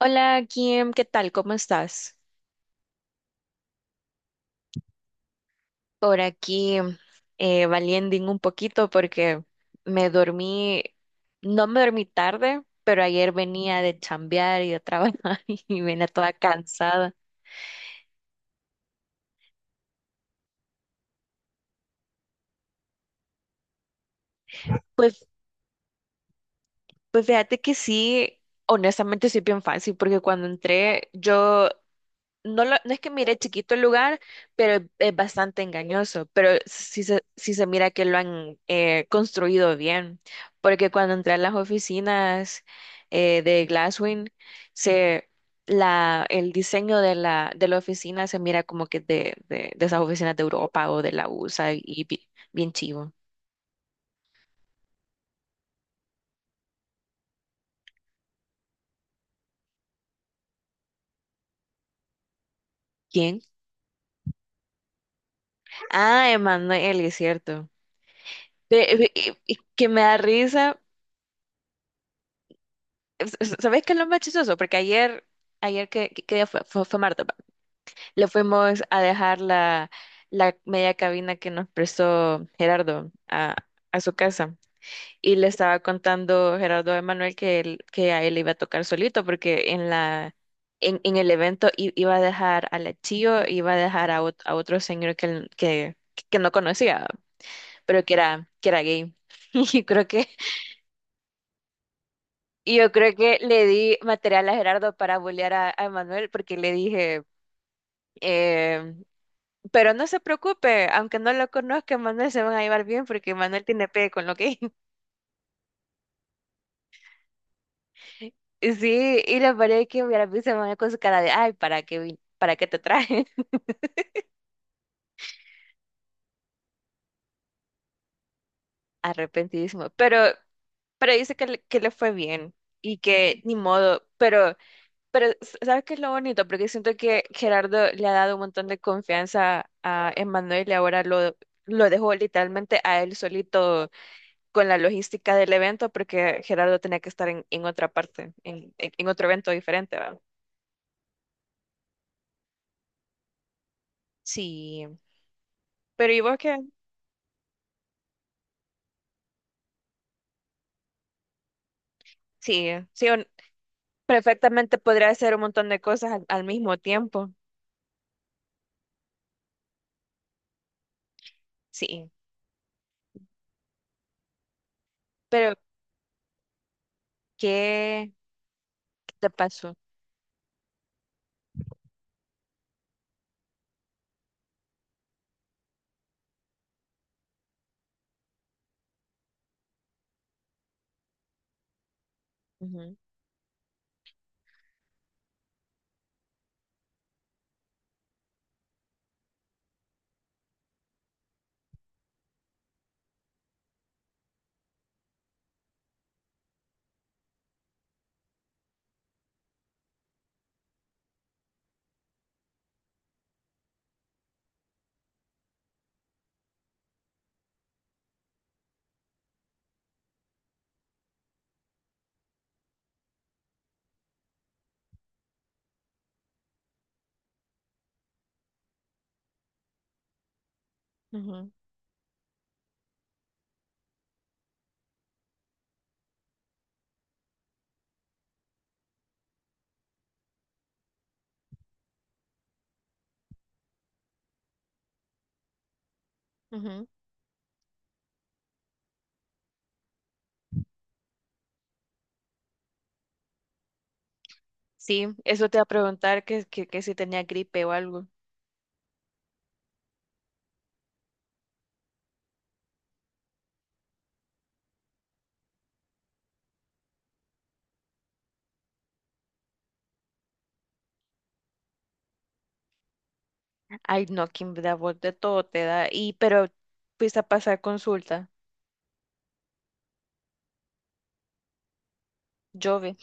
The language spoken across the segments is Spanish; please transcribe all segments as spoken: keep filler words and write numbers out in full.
Hola Kim, ¿qué tal? ¿Cómo estás? Por aquí eh, valiendo un poquito porque me dormí, no me dormí tarde, pero ayer venía de chambear y de trabajar y venía toda cansada. Pues, pues fíjate que sí, honestamente sí es bien fácil porque cuando entré yo no, lo- no es que mire chiquito el lugar, pero es, es bastante engañoso, pero sí se, sí se mira que lo han eh, construido bien, porque cuando entré a las oficinas eh, de Glasswing, se, la, el diseño de la, de la oficina se mira como que de, de, de esas oficinas de Europa o de la U S A y bi- bien chivo. ¿Quién? Ah, Emanuel, es cierto. Ve- ve- y- y que me da risa s- ¿Sabes qué es lo más chistoso? Porque ayer, ayer que, que- qué día fue, fue, fue martes, va. Le fuimos a dejar la, la media cabina que nos prestó Gerardo a, a su casa. Y le estaba contando Gerardo a Manuel que, él- que a él le iba a tocar solito, porque en la, en, en el evento i- iba a dejar a la Chio, iba a dejar a, ot- a otro señor que, él- que, que no conocía, pero que era, que era gay. Y creo que Y yo creo que le di material a Gerardo para bullear a, a Manuel porque le dije, eh, pero no se preocupe, aunque no lo conozca, Manuel se van a llevar bien porque Manuel tiene pegue con lo que... Y sí, y la pareja que hubiera visto a Manuel con su cara de, ay, ¿para qué, vin- para qué te traje? Arrepentidísimo. Pero, pero dice que le, que le fue bien y que ni modo, pero... Pero, s- ¿sabes qué es lo bonito? Porque siento que Gerardo le ha dado un montón de confianza a Emmanuel y ahora lo, lo dejó literalmente a él solito con la logística del evento porque Gerardo tenía que estar en, en otra parte, en, en- en otro evento diferente, ¿va? Sí. Pero ¿y vos qué? Sí, sí, un- perfectamente podría hacer un montón de cosas al, al mismo tiempo. Sí. Pero, ¿qué, qué te pasó? Ujú, ujú, ujú. Sí, eso te va a preguntar que, que, que si tenía gripe o algo. Ay, no, que me da voz de todo te da. Y, pero fuiste a pasar consulta. Llueve.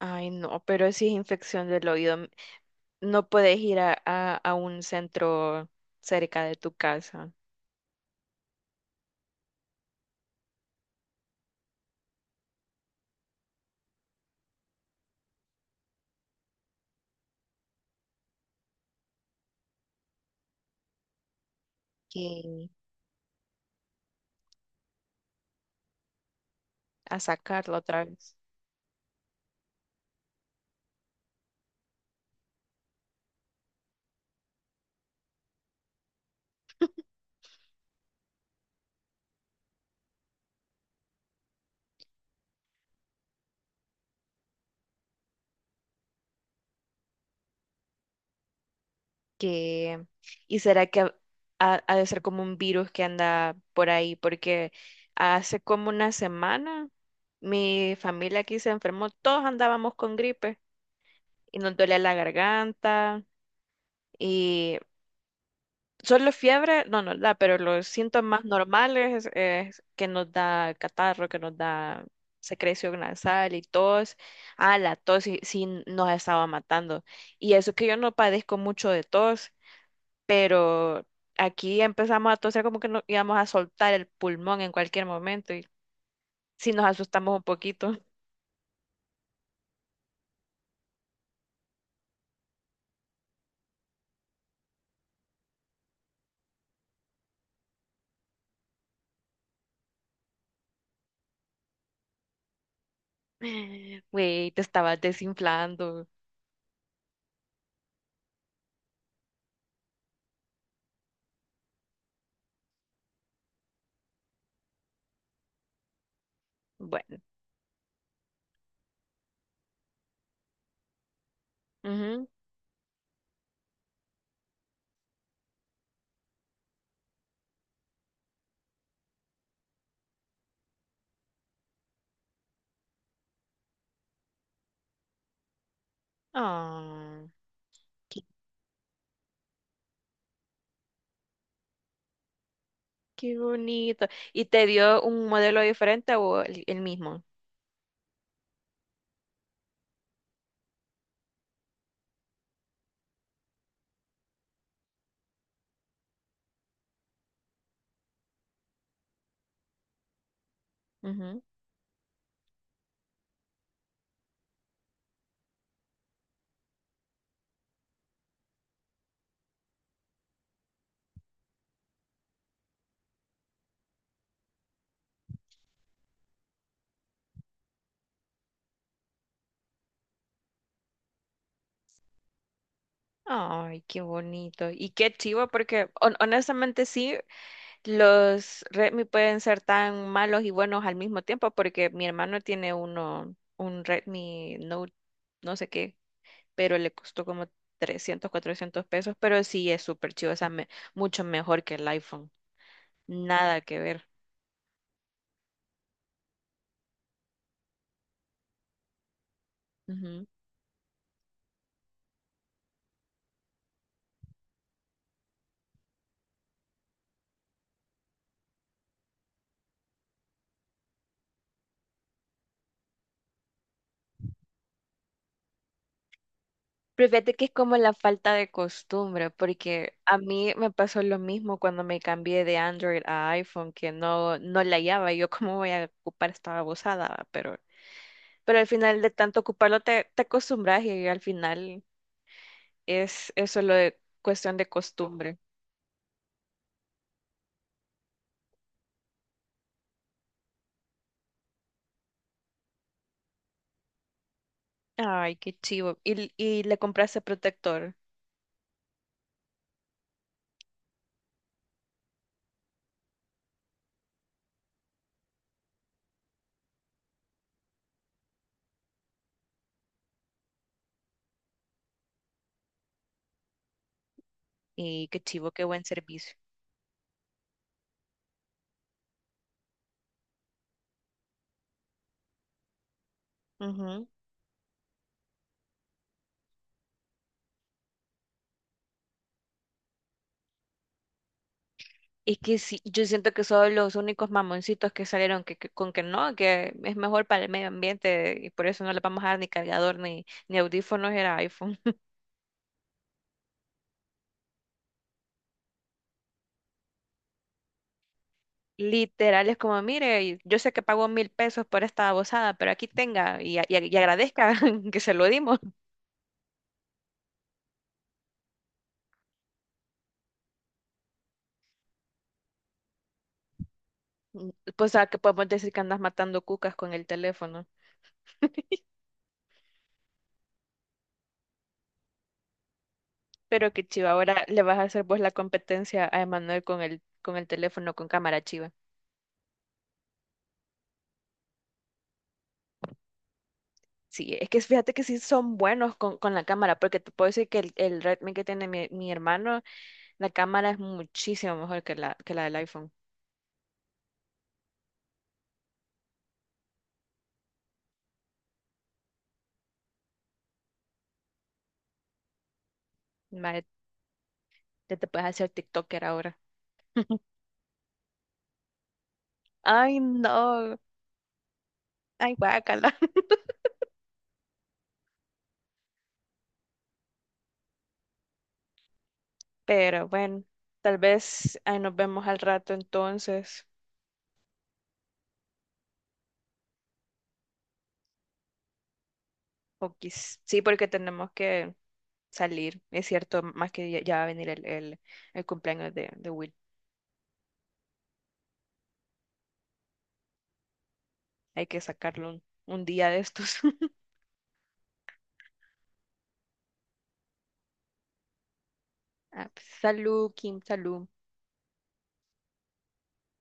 Ay, no, pero si es infección del oído, m- no puedes ir a, a, a un centro cerca de tu casa que a sacarlo otra vez. Que y será que ha, ha- ha de ser como un virus que anda por ahí, porque hace como una semana mi familia aquí se enfermó, todos andábamos con gripe y nos dolía la garganta y solo fiebre no nos da, pero los síntomas normales es que nos da catarro, que nos da secreción nasal y tos. Ah, la tos sí, sí nos estaba matando. Y eso que yo no padezco mucho de tos, pero aquí empezamos a toser como que nos íbamos a soltar el pulmón en cualquier momento y sí nos asustamos un poquito. Güey, te estabas desinflando. Bueno. Ujú. Ah, qué, qué bonito. ¿Y te dio un modelo diferente o el, el mismo? Ujú. Ay, qué bonito. Y qué chivo, porque hon- honestamente sí, los Redmi pueden ser tan malos y buenos al mismo tiempo porque mi hermano tiene uno, un Redmi Note, no sé qué, pero le costó como trescientos cuatrocientos pesos, pero sí es súper chido, o sea, me- mucho mejor que el iPhone, nada que ver. Ujú. Pero fíjate que es como la falta de costumbre, porque a mí me pasó lo mismo cuando me cambié de Android a iPhone, que no, no la hallaba, y yo cómo voy a ocupar esta babosada, ¿va? pero Pero al final de tanto ocuparlo te, te acostumbras y al final es, es solo de- cuestión de costumbre. Ay, qué chivo. Y, y le compraste protector. Y qué chivo, qué buen servicio. Ujú. Y que sí, yo siento que son los únicos mamoncitos que salieron que, que- con que no, que es mejor para el medio ambiente y por eso no le vamos a dar ni cargador ni, ni audífonos, era iPhone. Literal, es como, mire, y yo sé que pagó mil pesos por esta babosada, pero aquí tenga y, a- y a- y agradezca que se lo dimos. Mm, pues a que podemos decir que andas matando cucas con el teléfono. Pero que chiva, ahora le vas a hacer vos la competencia a Emanuel con el, con el teléfono con cámara chiva. Sí, es que fíjate que sí son buenos con, con la cámara, porque te puedo decir que el, el Redmi que tiene mi, mi hermano, la cámara es muchísimo mejor que la, que la del iPhone. Mae, te, te puedes hacer TikToker ahora. Ay, no. Ay, guácala. Pero bueno, tal vez ahí nos vemos al rato entonces. O quiz- sí, porque tenemos que salir. Es cierto, más que ya, ya va a venir el, el, el cumpleaños de, de Will. Hay que sacarlo un, un día de estos. Ah, pues, salud, Kim, salud.